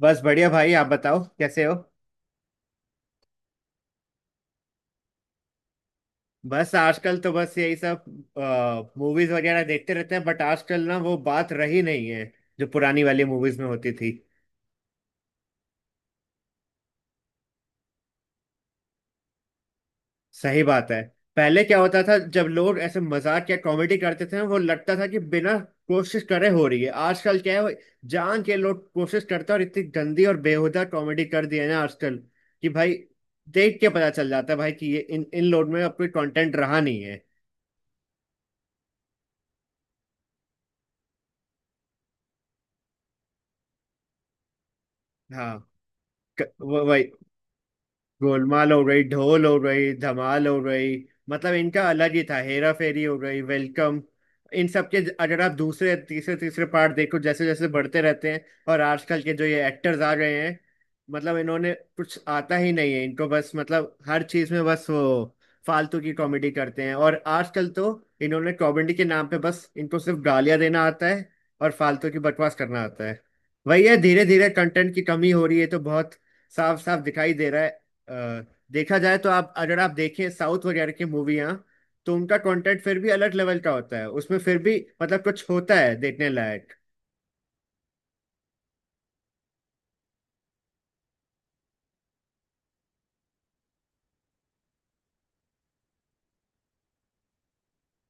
बस बढ़िया भाई। आप बताओ कैसे हो। बस आजकल तो बस यही सब, मूवीज वगैरह देखते रहते हैं। बट आजकल ना वो बात रही नहीं है, जो पुरानी वाली मूवीज में होती थी। सही बात है। पहले क्या होता था, जब लोग ऐसे मजाक या कॉमेडी करते थे ना, वो लगता था कि बिना कोशिश करे हो रही है। आजकल क्या है, वो जान के लोग कोशिश करते हैं और इतनी गंदी और बेहुदा कॉमेडी कर दी है ना आजकल, कि भाई देख के पता चल जाता है भाई कि ये इन इन लोग में अब कोई कंटेंट रहा नहीं है। हाँ। वही गोलमाल हो गई, ढोल हो गई, धमाल हो गई। मतलब इनका अलग ही था, हेरा फेरी हो गई, वेलकम। इन सब के। अगर आप दूसरे तीसरे तीसरे पार्ट देखो, जैसे जैसे बढ़ते रहते हैं। और आजकल के जो ये एक्टर्स आ गए हैं, मतलब इन्होंने कुछ आता ही नहीं है इनको, बस मतलब हर चीज में बस वो फालतू की कॉमेडी करते हैं। और आजकल तो इन्होंने कॉमेडी के नाम पे बस, इनको सिर्फ गालियां देना आता है और फालतू की बकवास करना आता है। वही है, धीरे धीरे कंटेंट की कमी हो रही है, तो बहुत साफ साफ दिखाई दे रहा है। अ, देखा जाए तो, आप अगर आप देखें साउथ वगैरह की मूवियाँ, तो उनका कंटेंट फिर भी अलग लेवल का होता है, उसमें फिर भी मतलब कुछ होता है देखने लायक।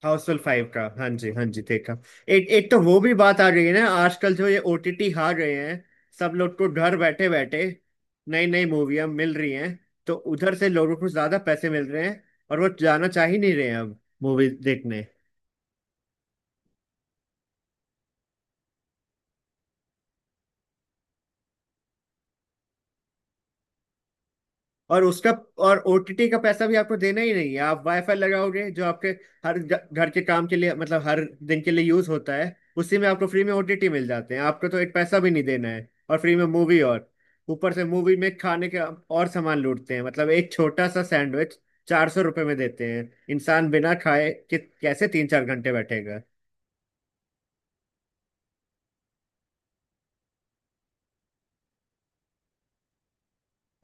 हाउसफुल 5 का, हाँ जी, हाँ जी, देखा। एक एक तो वो भी बात आ रही है ना, आजकल जो ये ओटीटी आ रहे हैं, सब लोग को घर बैठे बैठे नई नई मूवियाँ मिल रही हैं। तो उधर से लोगों को ज्यादा पैसे मिल रहे हैं, और वो जाना चाह ही नहीं रहे हैं अब मूवी देखने। और उसका, और ओटीटी का पैसा भी आपको देना ही नहीं है। आप वाईफाई लगाओगे जो आपके हर घर के काम के लिए, मतलब हर दिन के लिए यूज होता है, उसी में आपको फ्री में ओटीटी मिल जाते हैं। आपको तो एक पैसा भी नहीं देना है और फ्री में मूवी, और ऊपर से मूवी में खाने के और सामान लूटते हैं, मतलब एक छोटा सा सैंडविच 400 रुपये में देते हैं। इंसान बिना खाए कि कैसे 3 4 घंटे बैठेगा।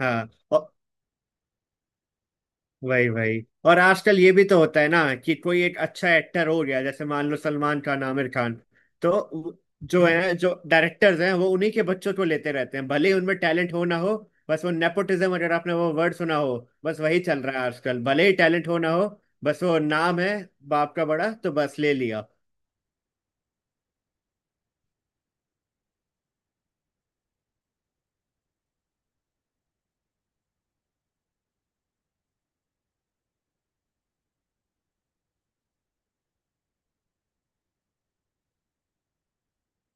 हाँ और। वही वही। और आजकल ये भी तो होता है ना कि कोई एक अच्छा एक्टर हो गया, जैसे मान लो सलमान खान, आमिर खान, तो जो है, जो डायरेक्टर्स हैं, वो उन्हीं के बच्चों को लेते रहते हैं, भले ही उनमें टैलेंट हो ना हो। बस वो नेपोटिज्म, अगर आपने वो वर्ड सुना हो, बस वही चल रहा है आजकल, भले ही टैलेंट हो ना हो। बस वो नाम है बाप का बड़ा, तो बस ले लिया।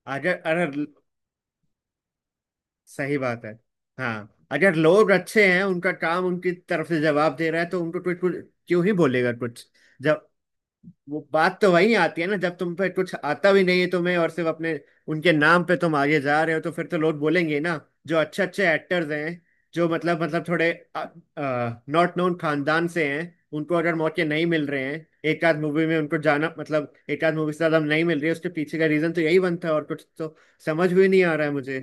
अगर अगर। सही बात है। हाँ, अगर लोग अच्छे हैं, उनका काम उनकी तरफ से जवाब दे रहा है, तो उनको कुछ कुछ क्यों ही बोलेगा कुछ। वो बात तो वही आती है ना, जब तुम पे कुछ आता भी नहीं है तुम्हें, और सिर्फ अपने, उनके नाम पे तुम आगे जा रहे हो, तो फिर तो लोग बोलेंगे ना। जो अच्छे अच्छे एक्टर्स हैं, जो मतलब थोड़े नॉट नोन खानदान से हैं, उनको अगर मौके नहीं मिल रहे हैं, एक आध मूवी में उनको जाना, मतलब एक आध मूवी से ज्यादा नहीं मिल रही है, उसके पीछे का रीजन तो यही बनता है। और कुछ तो समझ भी नहीं आ रहा है मुझे।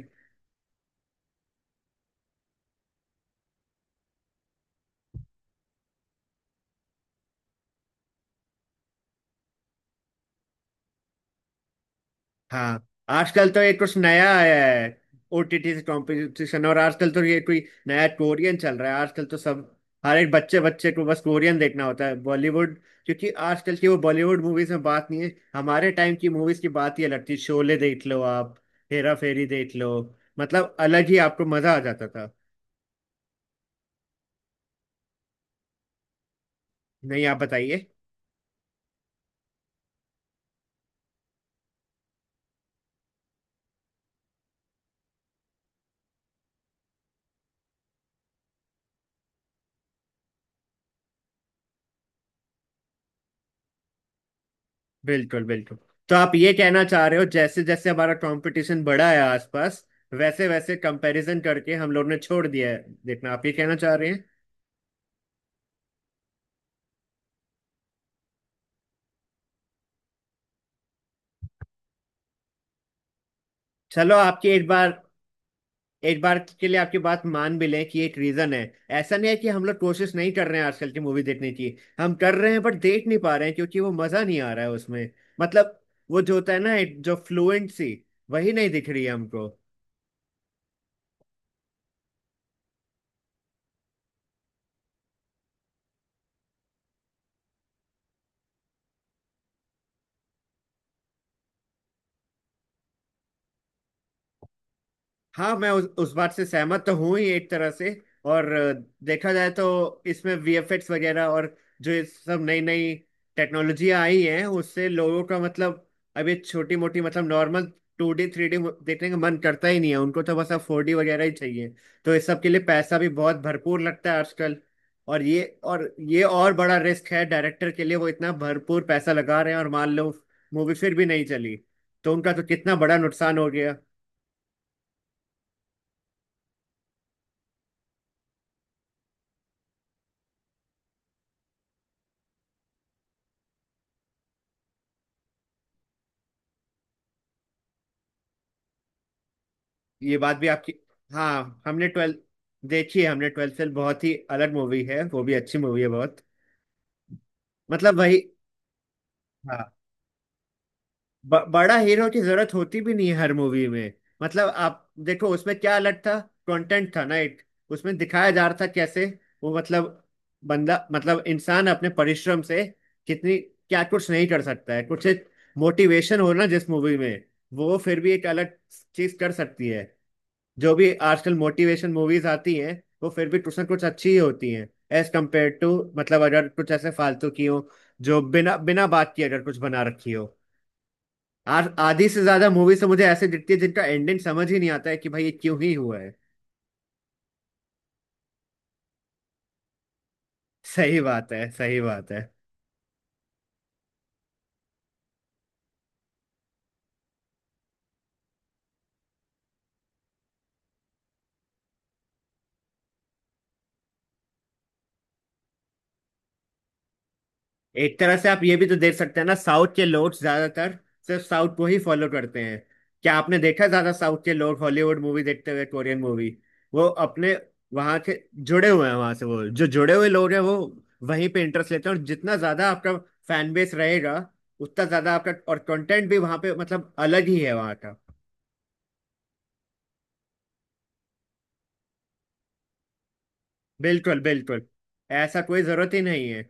हाँ, आजकल तो ये कुछ नया आया है। ओटीटी से कंपटीशन। और आजकल तो ये कोई नया कोरियन चल रहा है, आजकल तो सब, हर एक बच्चे बच्चे को बस कोरियन देखना होता है बॉलीवुड। क्योंकि आजकल की वो बॉलीवुड मूवीज में बात नहीं है, हमारे टाइम की मूवीज की बात ही अलग थी। शोले देख लो आप, हेरा फेरी देख लो, मतलब अलग ही आपको मजा आ जाता था। नहीं, आप बताइए। बिल्कुल बिल्कुल। तो आप ये कहना चाह रहे हो, जैसे जैसे हमारा कंपटीशन बढ़ा है आसपास, वैसे वैसे कंपैरिजन करके हम लोग ने छोड़ दिया है देखना, आप ये कहना चाह रहे हैं? चलो, आपकी एक बार, एक बार के लिए आपकी बात मान भी लें कि एक रीजन है। ऐसा नहीं है कि हम लोग कोशिश नहीं कर रहे हैं आजकल की मूवी देखने की, हम कर रहे हैं, बट देख नहीं पा रहे हैं क्योंकि वो मजा नहीं आ रहा है उसमें। मतलब वो जो होता है ना, एक जो फ्लुएंसी, वही नहीं दिख रही है हमको। हाँ, मैं उस बात से सहमत तो हूँ ही एक तरह से। और देखा जाए तो, इसमें वीएफएक्स वगैरह, और जो ये सब नई नई टेक्नोलॉजियाँ आई हैं, उससे लोगों का मतलब, अब ये छोटी मोटी, मतलब नॉर्मल 2D 3D देखने का मन करता ही नहीं है उनको। तो बस अब 4D वगैरह ही चाहिए। तो इस सब के लिए पैसा भी बहुत भरपूर लगता है आजकल। और बड़ा रिस्क है डायरेक्टर के लिए, वो इतना भरपूर पैसा लगा रहे हैं, और मान लो मूवी फिर भी नहीं चली, तो उनका तो कितना बड़ा नुकसान हो गया। ये बात भी आपकी। हाँ, हमने 12th देखी है, हमने 12th फेल, बहुत ही अलग मूवी है, वो भी अच्छी मूवी है बहुत। मतलब वही। हाँ। बड़ा हीरो की जरूरत होती भी नहीं है हर मूवी में। मतलब आप देखो उसमें क्या अलग था। कंटेंट था ना एक। उसमें दिखाया जा रहा था कैसे वो, मतलब बंदा, मतलब इंसान अपने परिश्रम से कितनी, क्या कुछ नहीं कर सकता है। कुछ एक मोटिवेशन हो ना जिस मूवी में, वो फिर भी एक अलग चीज कर सकती है। जो भी आजकल मोटिवेशन मूवीज आती हैं, वो फिर भी कुछ ना कुछ अच्छी ही होती हैं, एज कम्पेयर टू, मतलब अगर कुछ ऐसे फालतू की हो, जो बिना बिना बात किए अगर कुछ बना रखी हो। आज आधी से ज्यादा मूवी से मुझे ऐसे दिखती है, जिनका एंडिंग समझ ही नहीं आता है कि भाई ये क्यों ही हुआ है। सही बात है, सही बात है। एक तरह से आप ये भी तो देख सकते हैं ना, साउथ के लोग ज्यादातर सिर्फ साउथ को ही फॉलो करते हैं। क्या आपने देखा ज्यादा साउथ के लोग हॉलीवुड मूवी देखते हुए, कोरियन मूवी? वो अपने वहां के जुड़े हुए हैं, वहां से, वो जो जुड़े हुए लोग हैं वो वहीं पे इंटरेस्ट लेते हैं। और जितना ज्यादा आपका फैन बेस रहेगा, उतना ज्यादा आपका और कंटेंट भी वहां पे, मतलब अलग ही है वहां का। बिल्कुल बिल्कुल। ऐसा कोई जरूरत ही नहीं है।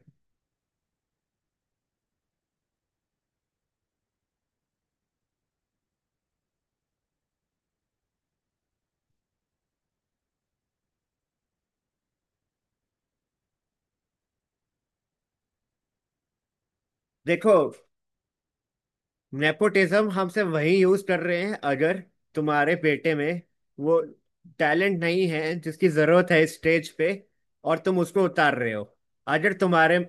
देखो, नेपोटिज्म हमसे वही यूज कर रहे हैं, अगर तुम्हारे बेटे में वो टैलेंट नहीं है जिसकी जरूरत है स्टेज पे, और तुम उसको उतार रहे हो। अगर तुम्हारे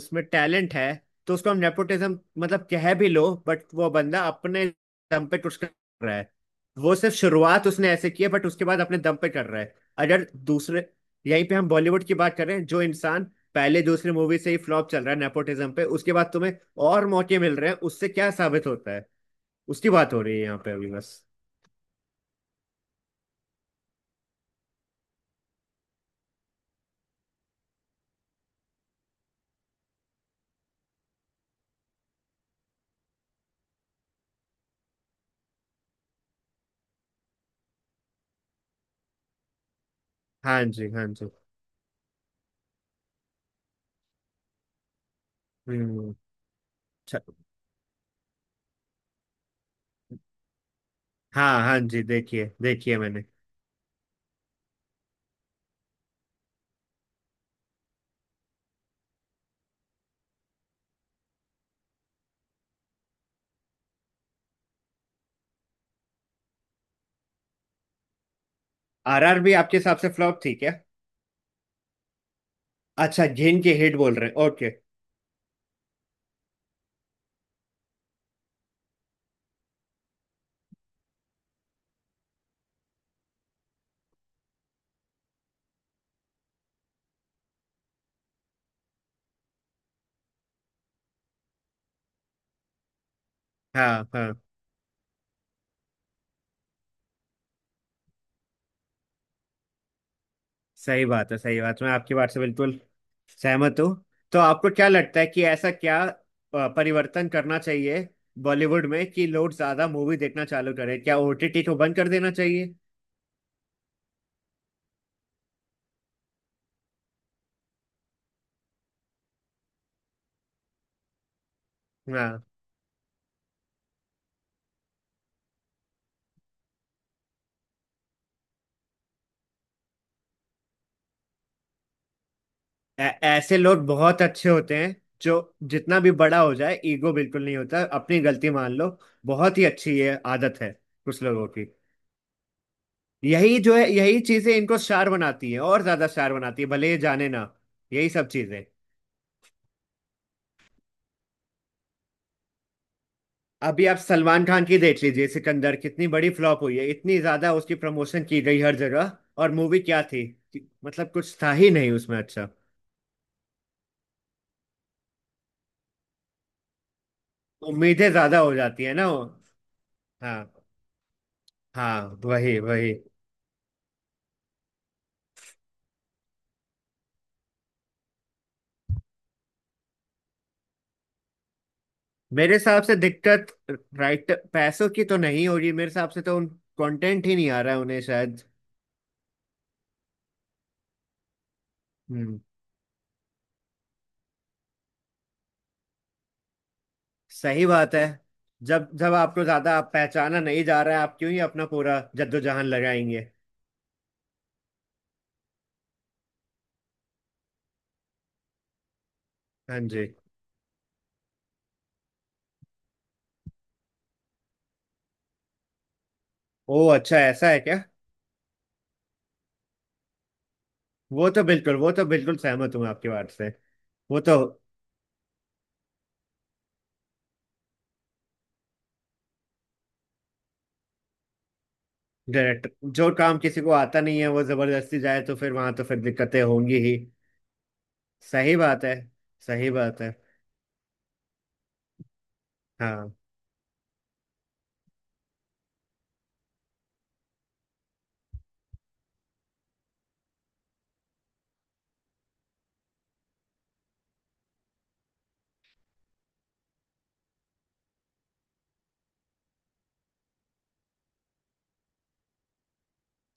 उसमें टैलेंट है, तो उसको हम नेपोटिज्म मतलब कह भी लो, बट वो बंदा अपने दम पे कुछ कर रहा है। वो सिर्फ शुरुआत उसने ऐसे की है, बट उसके बाद अपने दम पे कर रहा है। अगर दूसरे, यहीं पे हम बॉलीवुड की बात करें, जो इंसान पहले दूसरी मूवी से ही फ्लॉप चल रहा है नेपोटिज्म पे, उसके बाद तुम्हें और मौके मिल रहे हैं, उससे क्या साबित होता है? उसकी बात हो रही है यहाँ पे अभी बस। हाँ जी, हाँ जी। हम्म। अच्छा, हाँ, हाँ जी, देखिए, देखिए मैंने। आरआर भी आपके हिसाब से फ्लॉप थी क्या? अच्छा, घिन के हिट बोल रहे हैं, ओके। हाँ, हाँ। सही बात है, सही बात है। मैं आपकी बात से बिल्कुल सहमत हूँ। तो आपको क्या लगता है कि ऐसा क्या परिवर्तन करना चाहिए बॉलीवुड में, कि लोग ज्यादा मूवी देखना चालू करें? क्या ओटीटी को बंद कर देना चाहिए? हाँ। ऐसे लोग बहुत अच्छे होते हैं, जो जितना भी बड़ा हो जाए ईगो बिल्कुल नहीं होता, अपनी गलती मान लो। बहुत ही अच्छी ये आदत है कुछ लोगों की। यही जो है, यही चीजें इनको स्टार बनाती है और ज्यादा स्टार बनाती है, भले ये जाने ना, यही सब चीजें। अभी आप सलमान खान की देख लीजिए, सिकंदर कितनी बड़ी फ्लॉप हुई है, इतनी ज्यादा उसकी प्रमोशन की गई हर जगह। और मूवी क्या थी? मतलब कुछ था ही नहीं उसमें अच्छा। उम्मीदें ज्यादा हो जाती है ना वो। हाँ, हाँ, वही वही। मेरे हिसाब से दिक्कत। राइट, पैसों की तो नहीं हो रही मेरे हिसाब से, तो उन, कंटेंट ही नहीं आ रहा है उन्हें शायद। हम्म। सही बात है। जब जब आपको ज्यादा, आप पहचाना नहीं जा रहा है, आप क्यों ही अपना पूरा जद्दोजहद लगाएंगे। हाँ जी। ओ अच्छा, ऐसा है क्या? वो तो बिल्कुल सहमत हूँ आपकी बात से। वो तो, डायरेक्ट जो काम किसी को आता नहीं है, वो जबरदस्ती जाए, तो फिर वहां तो फिर दिक्कतें होंगी ही। सही बात है, सही बात है। हाँ,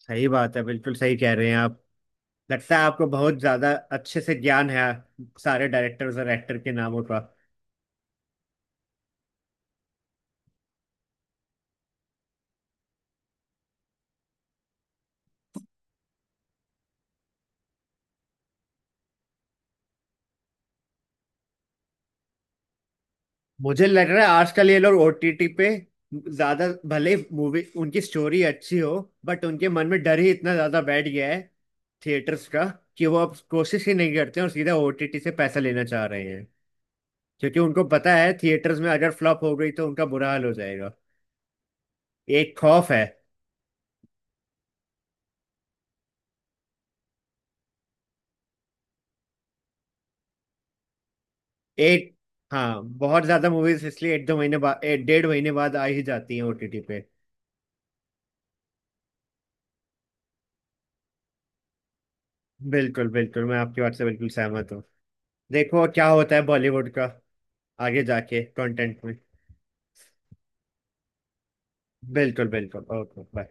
सही बात है, बिल्कुल सही कह रहे हैं आप। लगता है आपको बहुत ज्यादा अच्छे से ज्ञान है सारे डायरेक्टर्स और एक्टर के नामों का। मुझे लग रहा है आजकल ये लोग ओटीटी पे ज्यादा, भले मूवी उनकी स्टोरी अच्छी हो, बट उनके मन में डर ही इतना ज्यादा बैठ गया है थिएटर्स का, कि वो अब कोशिश ही नहीं करते और सीधा ओटीटी से पैसा लेना चाह रहे हैं, क्योंकि उनको पता है थिएटर्स में अगर फ्लॉप हो गई तो उनका बुरा हाल हो जाएगा। एक खौफ है। एक हाँ, बहुत ज्यादा मूवीज इसलिए 1 2 महीने बाद, 1 डेढ़ महीने बाद आ ही जाती हैं ओटीटी पे। बिल्कुल बिल्कुल, मैं आपकी बात से बिल्कुल सहमत हूँ। देखो क्या होता है बॉलीवुड का आगे जाके कंटेंट में। बिल्कुल बिल्कुल, ओके, बाय।